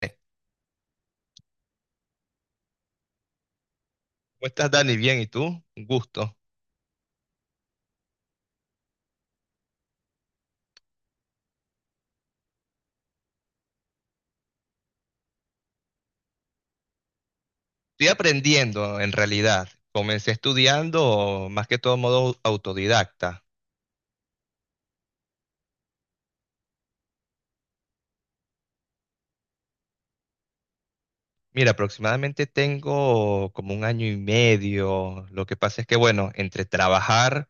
¿Cómo estás, Dani? Bien, ¿y tú? Un gusto. Estoy aprendiendo, en realidad. Comencé estudiando más que todo modo autodidacta. Mira, aproximadamente tengo como un año y medio. Lo que pasa es que, bueno, entre trabajar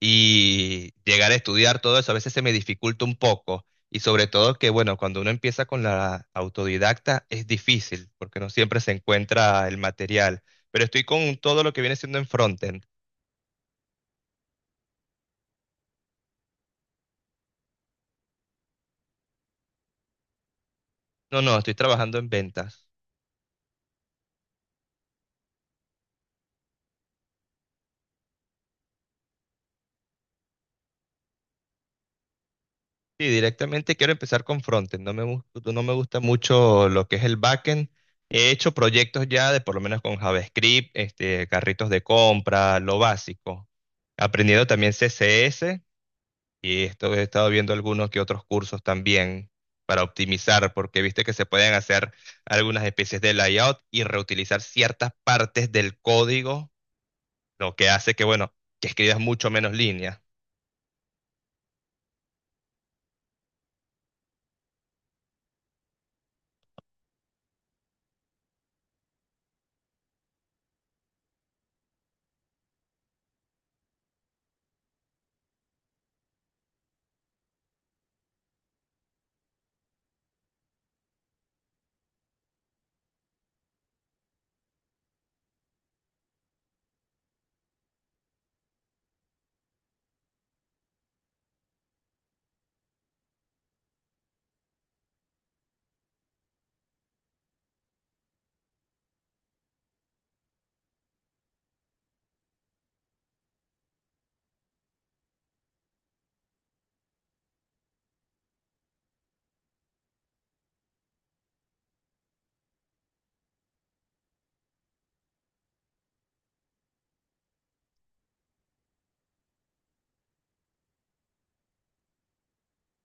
y llegar a estudiar todo eso, a veces se me dificulta un poco. Y sobre todo que, bueno, cuando uno empieza con la autodidacta es difícil, porque no siempre se encuentra el material. Pero estoy con todo lo que viene siendo en frontend. No, no, estoy trabajando en ventas. Sí, directamente quiero empezar con frontend. No me gusta mucho lo que es el backend. He hecho proyectos ya de por lo menos con JavaScript, este, carritos de compra, lo básico. Aprendiendo también CSS y esto he estado viendo algunos que otros cursos también para optimizar, porque viste que se pueden hacer algunas especies de layout y reutilizar ciertas partes del código, lo que hace que, bueno, que escribas mucho menos líneas.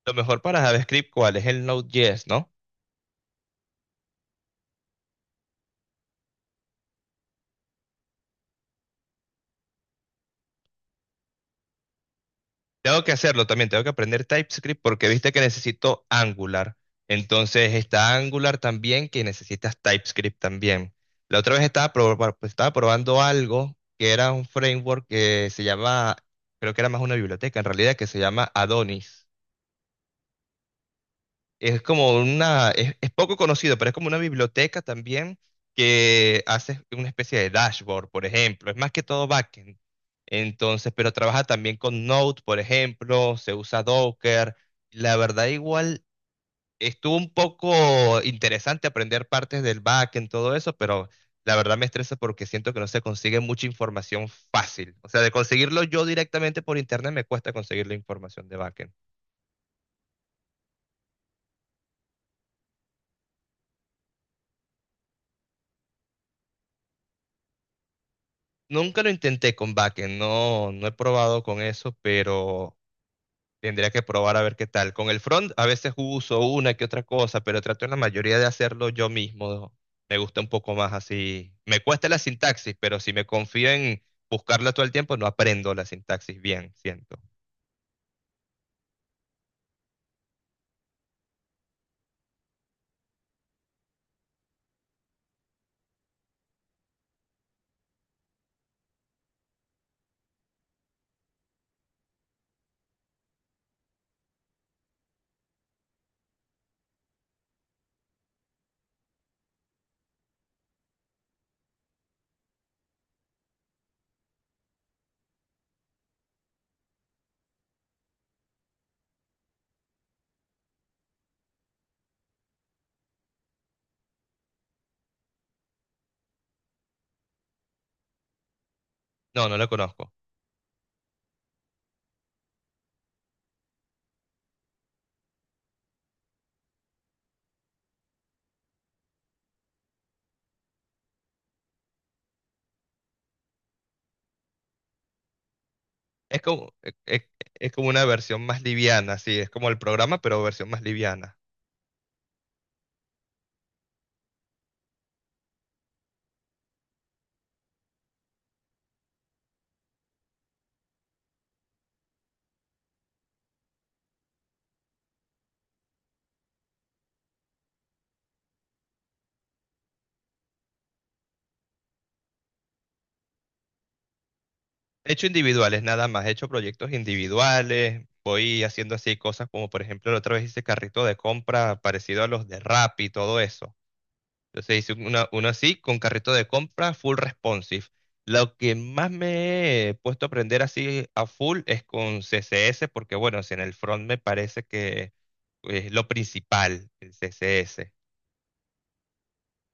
Lo mejor para JavaScript, ¿cuál es el Node.js, no? Tengo que hacerlo también, tengo que aprender TypeScript porque viste que necesito Angular. Entonces está Angular también que necesitas TypeScript también. La otra vez estaba probando algo que era un framework que se llama, creo que era más una biblioteca en realidad, que se llama Adonis. Es poco conocido, pero es como una biblioteca también que hace una especie de dashboard, por ejemplo. Es más que todo backend. Entonces, pero trabaja también con Node, por ejemplo, se usa Docker. La verdad, igual estuvo un poco interesante aprender partes del backend, todo eso, pero la verdad me estresa porque siento que no se consigue mucha información fácil. O sea, de conseguirlo yo directamente por internet me cuesta conseguir la información de backend. Nunca lo intenté con backend, no, no he probado con eso, pero tendría que probar a ver qué tal. Con el front a veces uso una que otra cosa, pero trato en la mayoría de hacerlo yo mismo. Me gusta un poco más así. Me cuesta la sintaxis, pero si me confío en buscarla todo el tiempo, no aprendo la sintaxis bien, siento. No, no la conozco. Es como, es, es- es como una versión más liviana, sí, es como el programa, pero versión más liviana. He hecho individuales nada más, he hecho proyectos individuales, voy haciendo así cosas como por ejemplo la otra vez hice carrito de compra parecido a los de Rappi y todo eso. Entonces hice una, uno así con carrito de compra full responsive. Lo que más me he puesto a aprender así a full es con CSS porque bueno, si en el front me parece que es lo principal, el CSS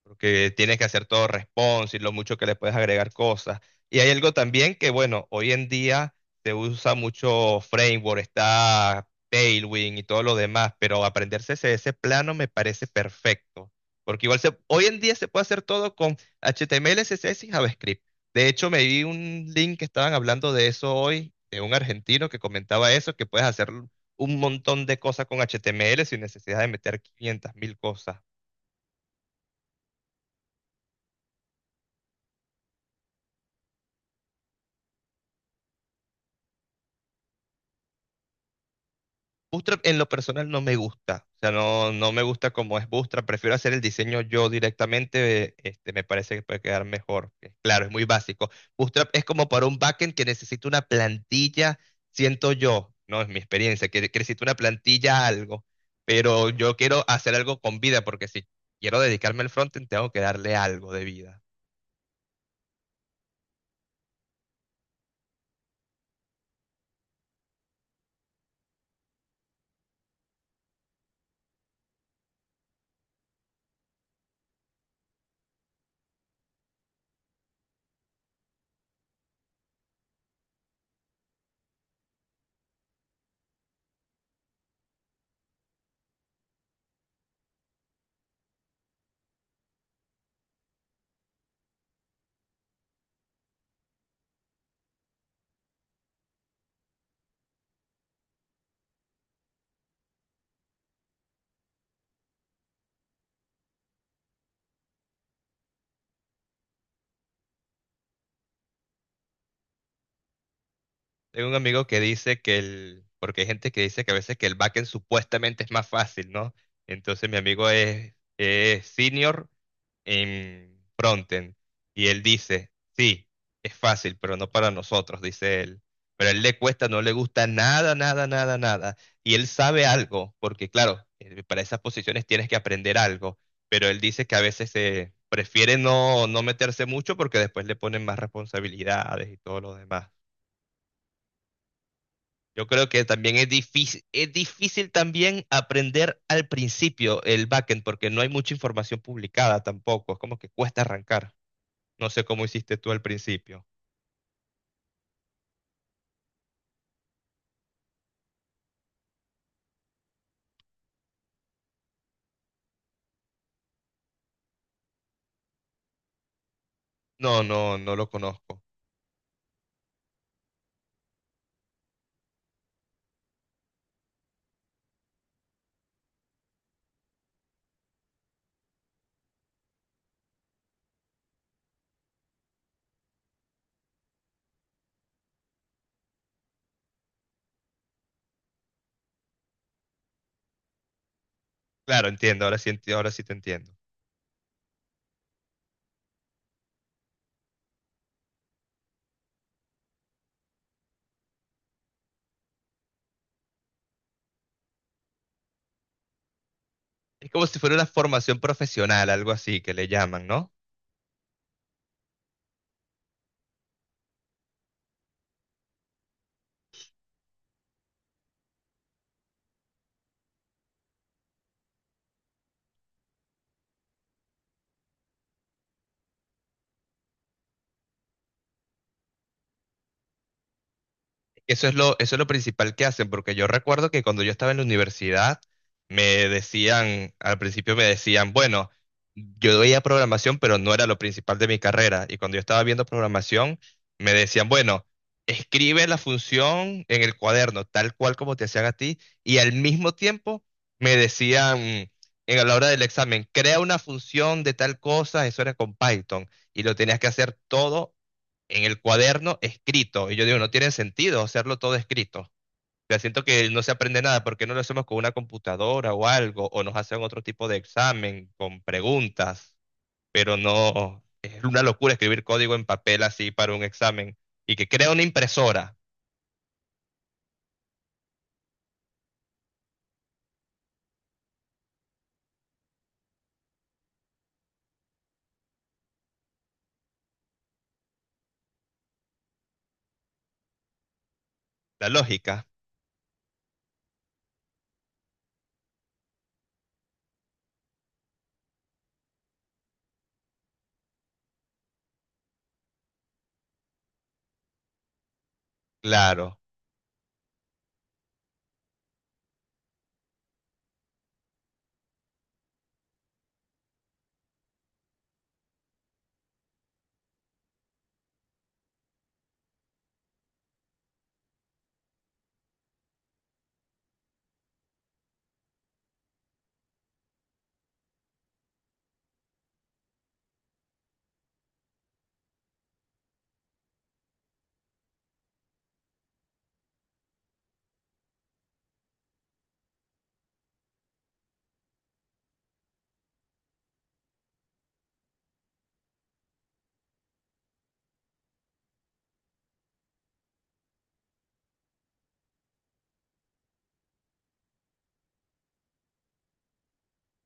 porque tienes que hacer todo responsive, lo mucho que le puedes agregar cosas. Y hay algo también que, bueno, hoy en día se usa mucho framework, está Tailwind y todo lo demás, pero aprenderse ese, ese plano me parece perfecto, porque igual se, hoy en día se puede hacer todo con HTML, CSS y JavaScript. De hecho, me vi un link que estaban hablando de eso hoy, de un argentino que comentaba eso, que puedes hacer un montón de cosas con HTML sin necesidad de meter 500 mil cosas. Bootstrap en lo personal no me gusta, o sea, no, no me gusta como es Bootstrap, prefiero hacer el diseño yo directamente, este, me parece que puede quedar mejor. Claro, es muy básico. Bootstrap es como para un backend que necesita una plantilla, siento yo, no es mi experiencia, que necesita una plantilla algo, pero yo quiero hacer algo con vida, porque si quiero dedicarme al frontend, tengo que darle algo de vida. Tengo un amigo que dice que el, porque hay gente que dice que a veces que el backend supuestamente es más fácil, ¿no? Entonces mi amigo es senior en frontend y él dice, sí, es fácil, pero no para nosotros, dice él. Pero a él le cuesta, no le gusta nada, nada, nada, nada. Y él sabe algo, porque claro, para esas posiciones tienes que aprender algo, pero él dice que a veces prefiere no, no meterse mucho porque después le ponen más responsabilidades y todo lo demás. Yo creo que también es difícil también aprender al principio el backend porque no hay mucha información publicada tampoco. Es como que cuesta arrancar. No sé cómo hiciste tú al principio. No, no, no lo conozco. Claro, entiendo, ahora sí te entiendo. Es como si fuera una formación profesional, algo así que le llaman, ¿no? Eso es lo principal que hacen, porque yo recuerdo que cuando yo estaba en la universidad, me decían, al principio me decían, bueno, yo veía programación, pero no era lo principal de mi carrera. Y cuando yo estaba viendo programación, me decían, bueno, escribe la función en el cuaderno, tal cual como te hacían a ti. Y al mismo tiempo me decían, en a la hora del examen, crea una función de tal cosa, eso era con Python. Y lo tenías que hacer todo en el cuaderno escrito. Y yo digo, no tiene sentido hacerlo todo escrito. Ya siento que no se aprende nada, ¿por qué no lo hacemos con una computadora o algo? O nos hacen otro tipo de examen con preguntas, pero no, es una locura escribir código en papel así para un examen. Y que crea una impresora, la lógica, claro.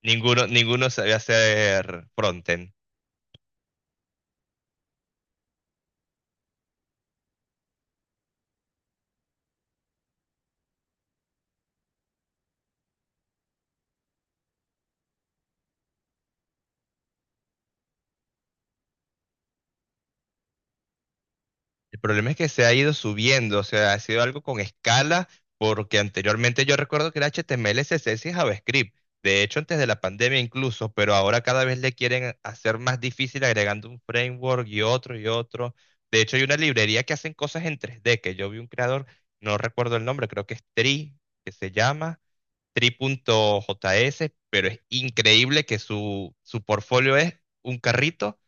Ninguno, ninguno sabe hacer frontend. El problema es que se ha ido subiendo, o sea, ha sido algo con escala, porque anteriormente yo recuerdo que era HTML, CSS y JavaScript. De hecho, antes de la pandemia incluso, pero ahora cada vez le quieren hacer más difícil agregando un framework y otro y otro. De hecho, hay una librería que hacen cosas en 3D, que yo vi un creador, no recuerdo el nombre, creo que es Tri, que se llama Tri.js, pero es increíble que su portfolio es un carrito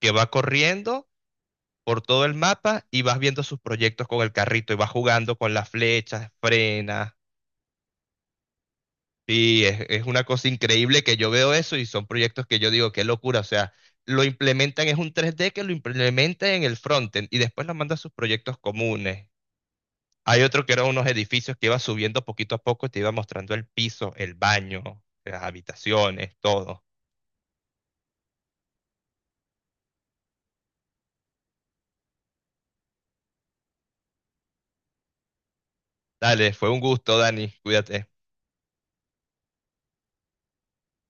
que va corriendo por todo el mapa y vas viendo sus proyectos con el carrito y vas jugando con las flechas, frenas. Y es una cosa increíble que yo veo eso y son proyectos que yo digo, qué locura. O sea, lo implementan, es un 3D que lo implementa en el frontend y después lo manda a sus proyectos comunes. Hay otro que eran unos edificios que iba subiendo poquito a poco y te iba mostrando el piso, el baño, las habitaciones, todo. Dale, fue un gusto, Dani. Cuídate.